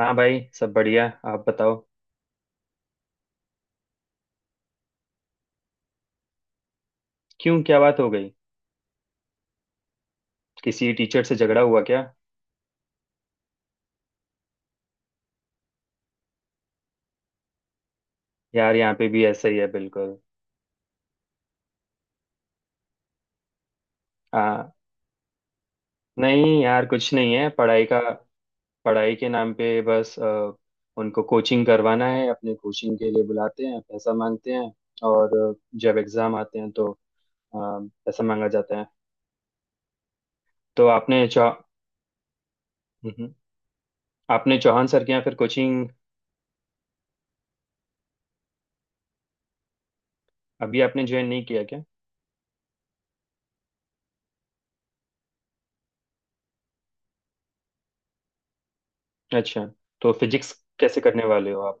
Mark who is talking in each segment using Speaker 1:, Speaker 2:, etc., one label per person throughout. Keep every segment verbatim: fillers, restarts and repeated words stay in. Speaker 1: हाँ भाई, सब बढ़िया। आप बताओ। क्यों, क्या बात हो गई? किसी टीचर से झगड़ा हुआ क्या? यार यहाँ पे भी ऐसा ही है बिल्कुल। हाँ। नहीं यार, कुछ नहीं है पढ़ाई का। पढ़ाई के नाम पे बस अ, उनको कोचिंग करवाना है, अपने कोचिंग के लिए बुलाते हैं, पैसा मांगते हैं। और अ, जब एग्जाम आते हैं तो अ, पैसा मांगा जाता है। तो आपने चौ— हम्म, आपने चौहान सर के यहाँ फिर कोचिंग? अभी आपने ज्वाइन नहीं किया क्या? अच्छा। तो फिजिक्स कैसे करने वाले हो आप?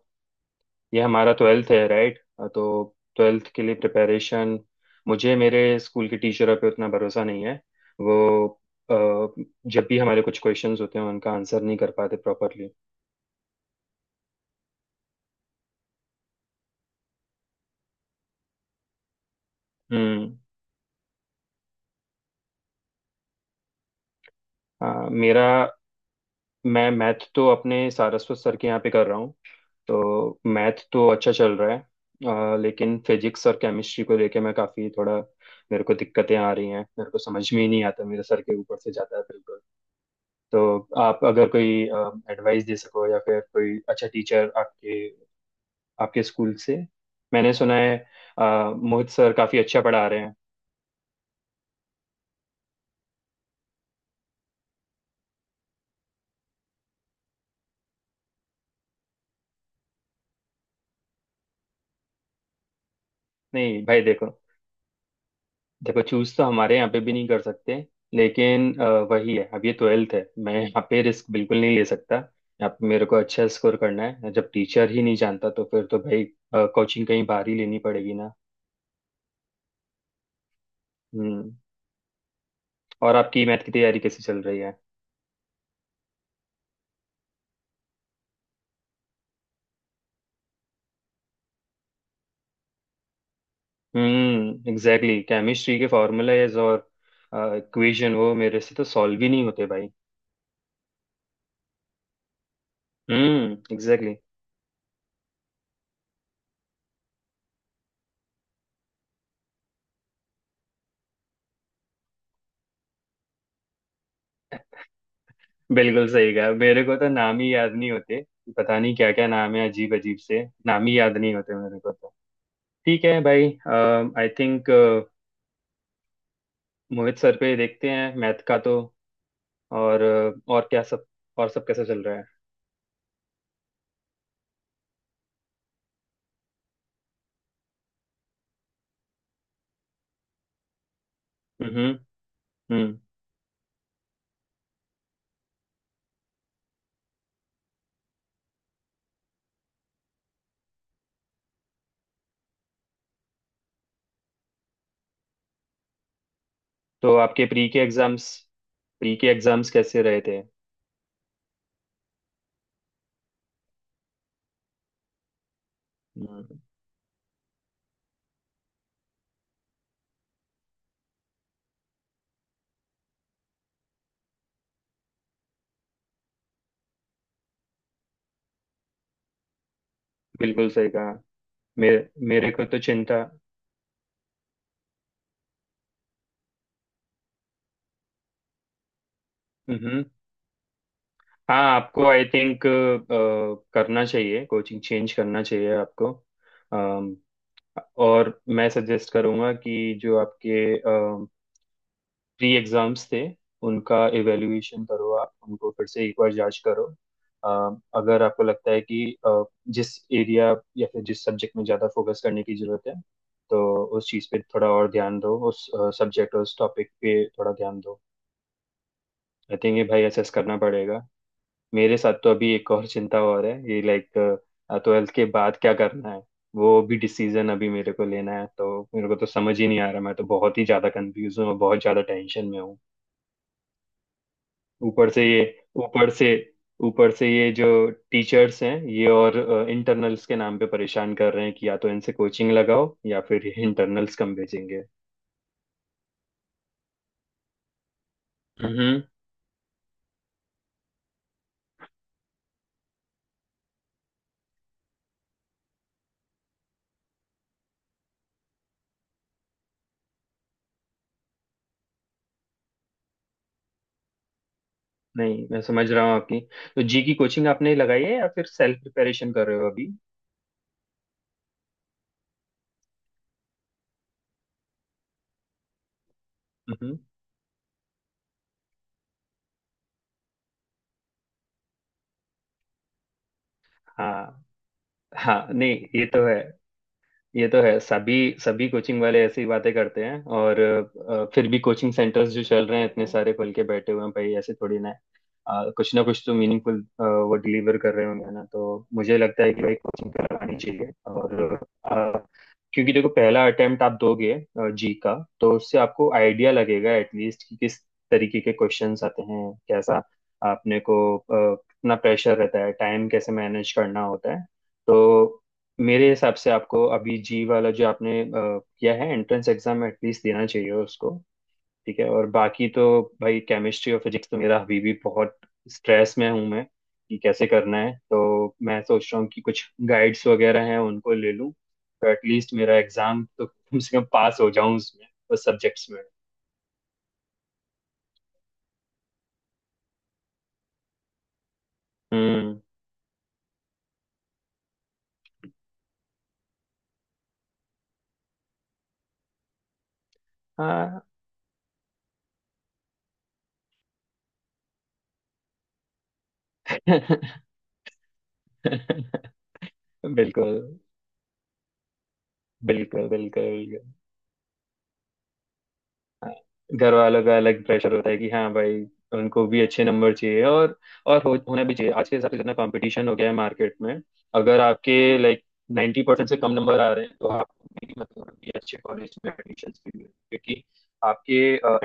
Speaker 1: ये हमारा ट्वेल्थ है, राइट। तो ट्वेल्थ के लिए प्रिपरेशन, मुझे मेरे स्कूल के टीचरों पे उतना भरोसा नहीं है। वो अ, जब भी हमारे कुछ क्वेश्चंस होते हैं उनका आंसर नहीं कर पाते प्रॉपरली। हम्म। हाँ, मेरा— मैं मैथ तो अपने सारस्वत सर के यहाँ पे कर रहा हूँ। तो मैथ तो अच्छा चल रहा है, अ, लेकिन फिजिक्स और केमिस्ट्री को लेके मैं काफ़ी थोड़ा— मेरे को दिक्कतें आ रही हैं। मेरे को समझ में ही नहीं आता, मेरे सर के ऊपर से जाता है। तो आप अगर कोई एडवाइस दे सको, या फिर कोई अच्छा टीचर आपके आपके स्कूल से मैंने सुना है, अ, मोहित सर काफी अच्छा पढ़ा रहे हैं। नहीं भाई, देखो, देखो चूज तो हमारे यहाँ पे भी नहीं कर सकते। लेकिन अ, वही है, अब ये ट्वेल्थ है, मैं यहाँ पे रिस्क बिल्कुल नहीं ले सकता। यहाँ पे मेरे को अच्छा स्कोर करना है। जब टीचर ही नहीं जानता तो फिर तो भाई कोचिंग कहीं बाहर ही लेनी पड़ेगी ना। हम्म। और आपकी मैथ की तैयारी कैसी चल रही है? हम्म, एग्जैक्टली। केमिस्ट्री के फार्मूलाज और इक्वेशन वो मेरे से तो सॉल्व ही नहीं होते भाई। हम्म, एग्जैक्टली। बिल्कुल सही कहा, मेरे को तो नाम ही याद नहीं होते। पता नहीं क्या क्या नाम है, अजीब अजीब से नाम ही याद नहीं होते मेरे को तो। ठीक है भाई। आई थिंक मोहित सर पे देखते हैं, मैथ का तो। और अ, और क्या सब, और सब कैसा चल रहा है? हम्म। हम्म। तो आपके प्री के एग्जाम्स प्री के एग्जाम्स कैसे रहे थे? हम्म, बिल्कुल सही कहा। मेरे मेरे को तो चिंता— हम्म। हाँ, आपको आई थिंक करना चाहिए, कोचिंग चेंज करना चाहिए आपको। अम, और मैं सजेस्ट करूँगा कि जो आपके प्री एग्जाम्स थे, उनका इवेल्युएशन करो, आप उनको फिर से एक बार जांच करो। अम, अगर आपको लगता है कि अ, जिस एरिया या फिर जिस सब्जेक्ट में ज़्यादा फोकस करने की ज़रूरत है, तो उस चीज़ पे थोड़ा और ध्यान दो, उस सब्जेक्ट और उस टॉपिक पे थोड़ा ध्यान दो। आई थिंक ये भाई असेस करना पड़ेगा। मेरे साथ तो अभी एक और चिंता और है, ये लाइक ट्वेल्थ के बाद क्या करना है, वो भी डिसीजन अभी मेरे को लेना है। तो मेरे को तो समझ ही नहीं आ रहा। मैं तो बहुत ही ज्यादा कंफ्यूज हूँ, और बहुत ज्यादा टेंशन में हूँ। ऊपर से ये ऊपर से ऊपर से ये जो टीचर्स हैं, ये और इंटरनल्स के नाम पे परेशान कर रहे हैं, कि या तो इनसे कोचिंग लगाओ या फिर ये इंटरनल्स कम भेजेंगे। हम्म। नहीं, मैं समझ रहा हूँ आपकी। तो जी की कोचिंग आपने लगाई है या फिर सेल्फ प्रिपरेशन कर रहे हो अभी? हम्म। हाँ, हाँ। नहीं, ये तो है ये तो है सभी सभी कोचिंग वाले ऐसी बातें करते हैं। और अ, फिर भी कोचिंग सेंटर्स जो चल रहे हैं इतने सारे खुल के बैठे हुए हैं भाई, ऐसे थोड़ी ना है। अ, कुछ ना कुछ तो मीनिंगफुल वो डिलीवर कर रहे होंगे ना। तो मुझे लगता है कि भाई कोचिंग करवानी चाहिए। और अ, क्योंकि देखो, पहला अटेम्प्ट आप दोगे अ, जी का, तो उससे आपको आइडिया लगेगा एटलीस्ट कि किस तरीके के क्वेश्चंस आते हैं, कैसा आपने को अ, कितना प्रेशर रहता है, टाइम कैसे मैनेज करना होता है। तो मेरे हिसाब से आपको अभी जी वाला जो आपने अ, किया है एंट्रेंस एग्जाम, एटलीस्ट देना चाहिए उसको। ठीक है। और बाकी तो भाई, केमिस्ट्री और फिजिक्स तो मेरा अभी भी बहुत स्ट्रेस में हूँ मैं, कि कैसे करना है। तो मैं सोच रहा हूँ कि कुछ गाइड्स वगैरह हैं उनको ले लूँ, तो एटलीस्ट मेरा एग्जाम तो कम से कम पास हो जाऊँ, उसमें, उस सब्जेक्ट्स में। हम्म। हाँ। बिल्कुल, बिल्कुल, बिल्कुल, बिल्कुल। घर वालों का अलग प्रेशर होता है कि हाँ भाई, उनको भी अच्छे नंबर चाहिए। और और हो, होना भी चाहिए, आज के हिसाब से जितना कंपटीशन हो गया है मार्केट में। अगर आपके लाइक नाइन्टी परसेंट से कम नंबर आ रहे हैं तो आप भी मतलब कि अच्छे कॉलेज में एडमिशन के लिए— क्योंकि आपके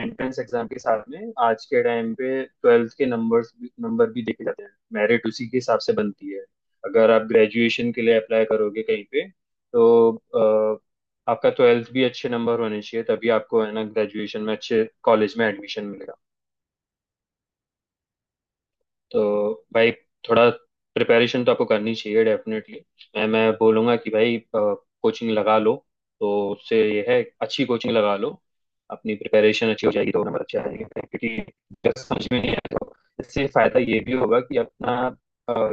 Speaker 1: एंट्रेंस एग्जाम के साथ में आज के टाइम पे ट्वेल्थ के नंबर्स, नंबर भी देखे जाते हैं, मेरिट उसी के हिसाब से बनती है। अगर आप ग्रेजुएशन के लिए अप्लाई करोगे कहीं पे, तो आपका ट्वेल्थ भी अच्छे नंबर होने चाहिए, तभी आपको है ना ग्रेजुएशन में अच्छे कॉलेज में एडमिशन मिलेगा। तो भाई थोड़ा प्रिपरेशन तो आपको करनी चाहिए डेफिनेटली। मैं मैं बोलूँगा कि भाई कोचिंग लगा लो। तो उससे ये है, अच्छी कोचिंग लगा लो, अपनी प्रिपरेशन अच्छी हो जाएगी तो नंबर अच्छे आएंगे, क्योंकि अगर समझ में नहीं आए तो— इससे फ़ायदा ये भी होगा कि अपना अ,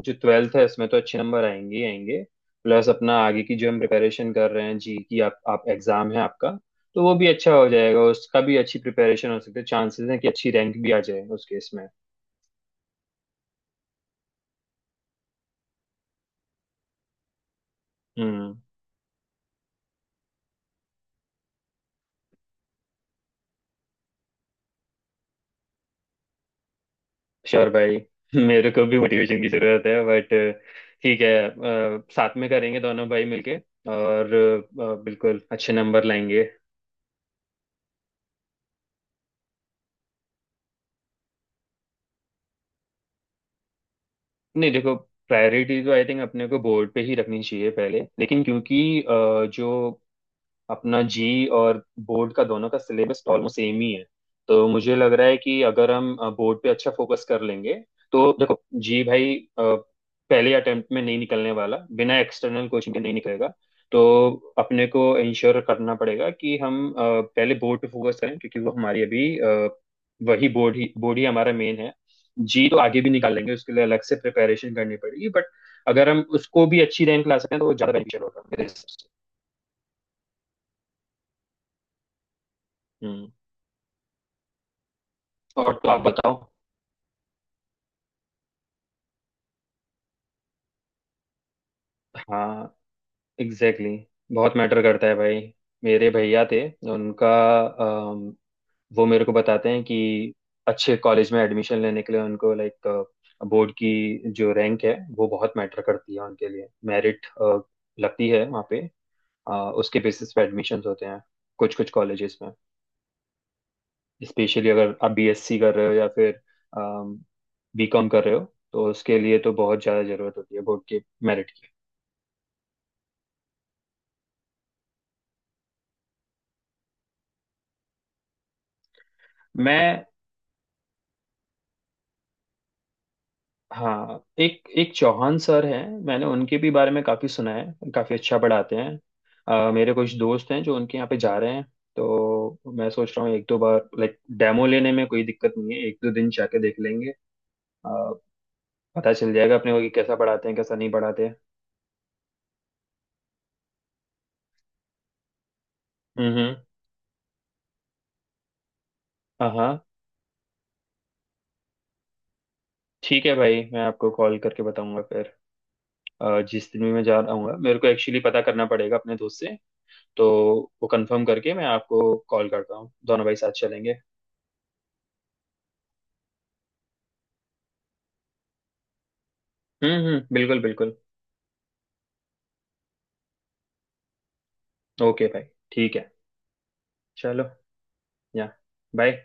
Speaker 1: जो ट्वेल्थ है इसमें तो अच्छे नंबर आएंगे ही आएंगे। प्लस अपना आगे की जो हम प्रिपरेशन कर रहे हैं जी की, आप आप एग्ज़ाम है आपका, तो वो भी अच्छा हो जाएगा, उसका भी अच्छी प्रिपरेशन हो सकती है। चांसेस हैं कि अच्छी रैंक भी आ जाए उस केस में। हम्म। श्योर भाई। मेरे को भी मोटिवेशन की जरूरत है, बट ठीक है। अ, साथ में करेंगे दोनों भाई मिलके, और अ, बिल्कुल अच्छे नंबर लाएंगे। नहीं, देखो, प्रायोरिटी तो आई थिंक अपने को बोर्ड पे ही रखनी चाहिए पहले। लेकिन क्योंकि अ, जो अपना जी और बोर्ड का दोनों का सिलेबस ऑलमोस्ट सेम ही है, तो मुझे लग रहा है कि अगर हम बोर्ड पे अच्छा फोकस कर लेंगे तो— देखो जी भाई, अ, पहले अटेम्प्ट में नहीं निकलने वाला, बिना एक्सटर्नल कोचिंग के नहीं निकलेगा। तो अपने को इंश्योर करना पड़ेगा कि हम अ, पहले बोर्ड पे फोकस करें, क्योंकि वो हमारी अभी अ, वही बोर्ड ही बोर्ड ही हमारा मेन है। जी तो आगे भी निकाल लेंगे, उसके लिए अलग से प्रिपरेशन करनी पड़ेगी। बट अगर हम उसको भी अच्छी रैंक ला सकते हैं तो वो ज्यादा बेनिफिशियल होगा मेरे हिसाब से। हम्म। और तो आप बताओ। हाँ, एग्जैक्टली, exactly. बहुत मैटर करता है भाई। मेरे भैया थे, उनका— अम, वो मेरे को बताते हैं कि अच्छे कॉलेज में एडमिशन लेने के लिए उनको, लाइक, बोर्ड की जो रैंक है वो बहुत मैटर करती है उनके लिए, मेरिट लगती है वहाँ पे। अ, उसके बेसिस पे एडमिशन्स होते हैं कुछ कुछ कॉलेजेस में। स्पेशली अगर आप बीएससी कर रहे हो या फिर बीकॉम कर रहे हो, तो उसके लिए तो बहुत ज़्यादा ज़रूरत होती है बोर्ड के मेरिट की। मैं— हाँ, एक एक चौहान सर हैं, मैंने उनके भी बारे में काफ़ी सुना है, काफ़ी अच्छा पढ़ाते हैं। अ, मेरे कुछ दोस्त हैं जो उनके यहाँ पे जा रहे हैं। तो मैं सोच रहा हूँ एक दो बार लाइक डेमो लेने में कोई दिक्कत नहीं है, एक दो दिन जाके देख लेंगे। अ, पता चल जाएगा अपने को कि कैसा पढ़ाते हैं, कैसा नहीं पढ़ाते हैं। हम्म, हम्म। हाँ, हाँ। ठीक है भाई, मैं आपको कॉल करके बताऊंगा फिर। अ, जिस दिन भी मैं जा रहा हूँ, मेरे को एक्चुअली पता करना पड़ेगा अपने दोस्त से। तो वो कंफर्म करके मैं आपको कॉल करता हूँ, दोनों भाई साथ चलेंगे। हम्म, हम्म, बिल्कुल, बिल्कुल। ओके भाई। ठीक है। चलो। या। बाय।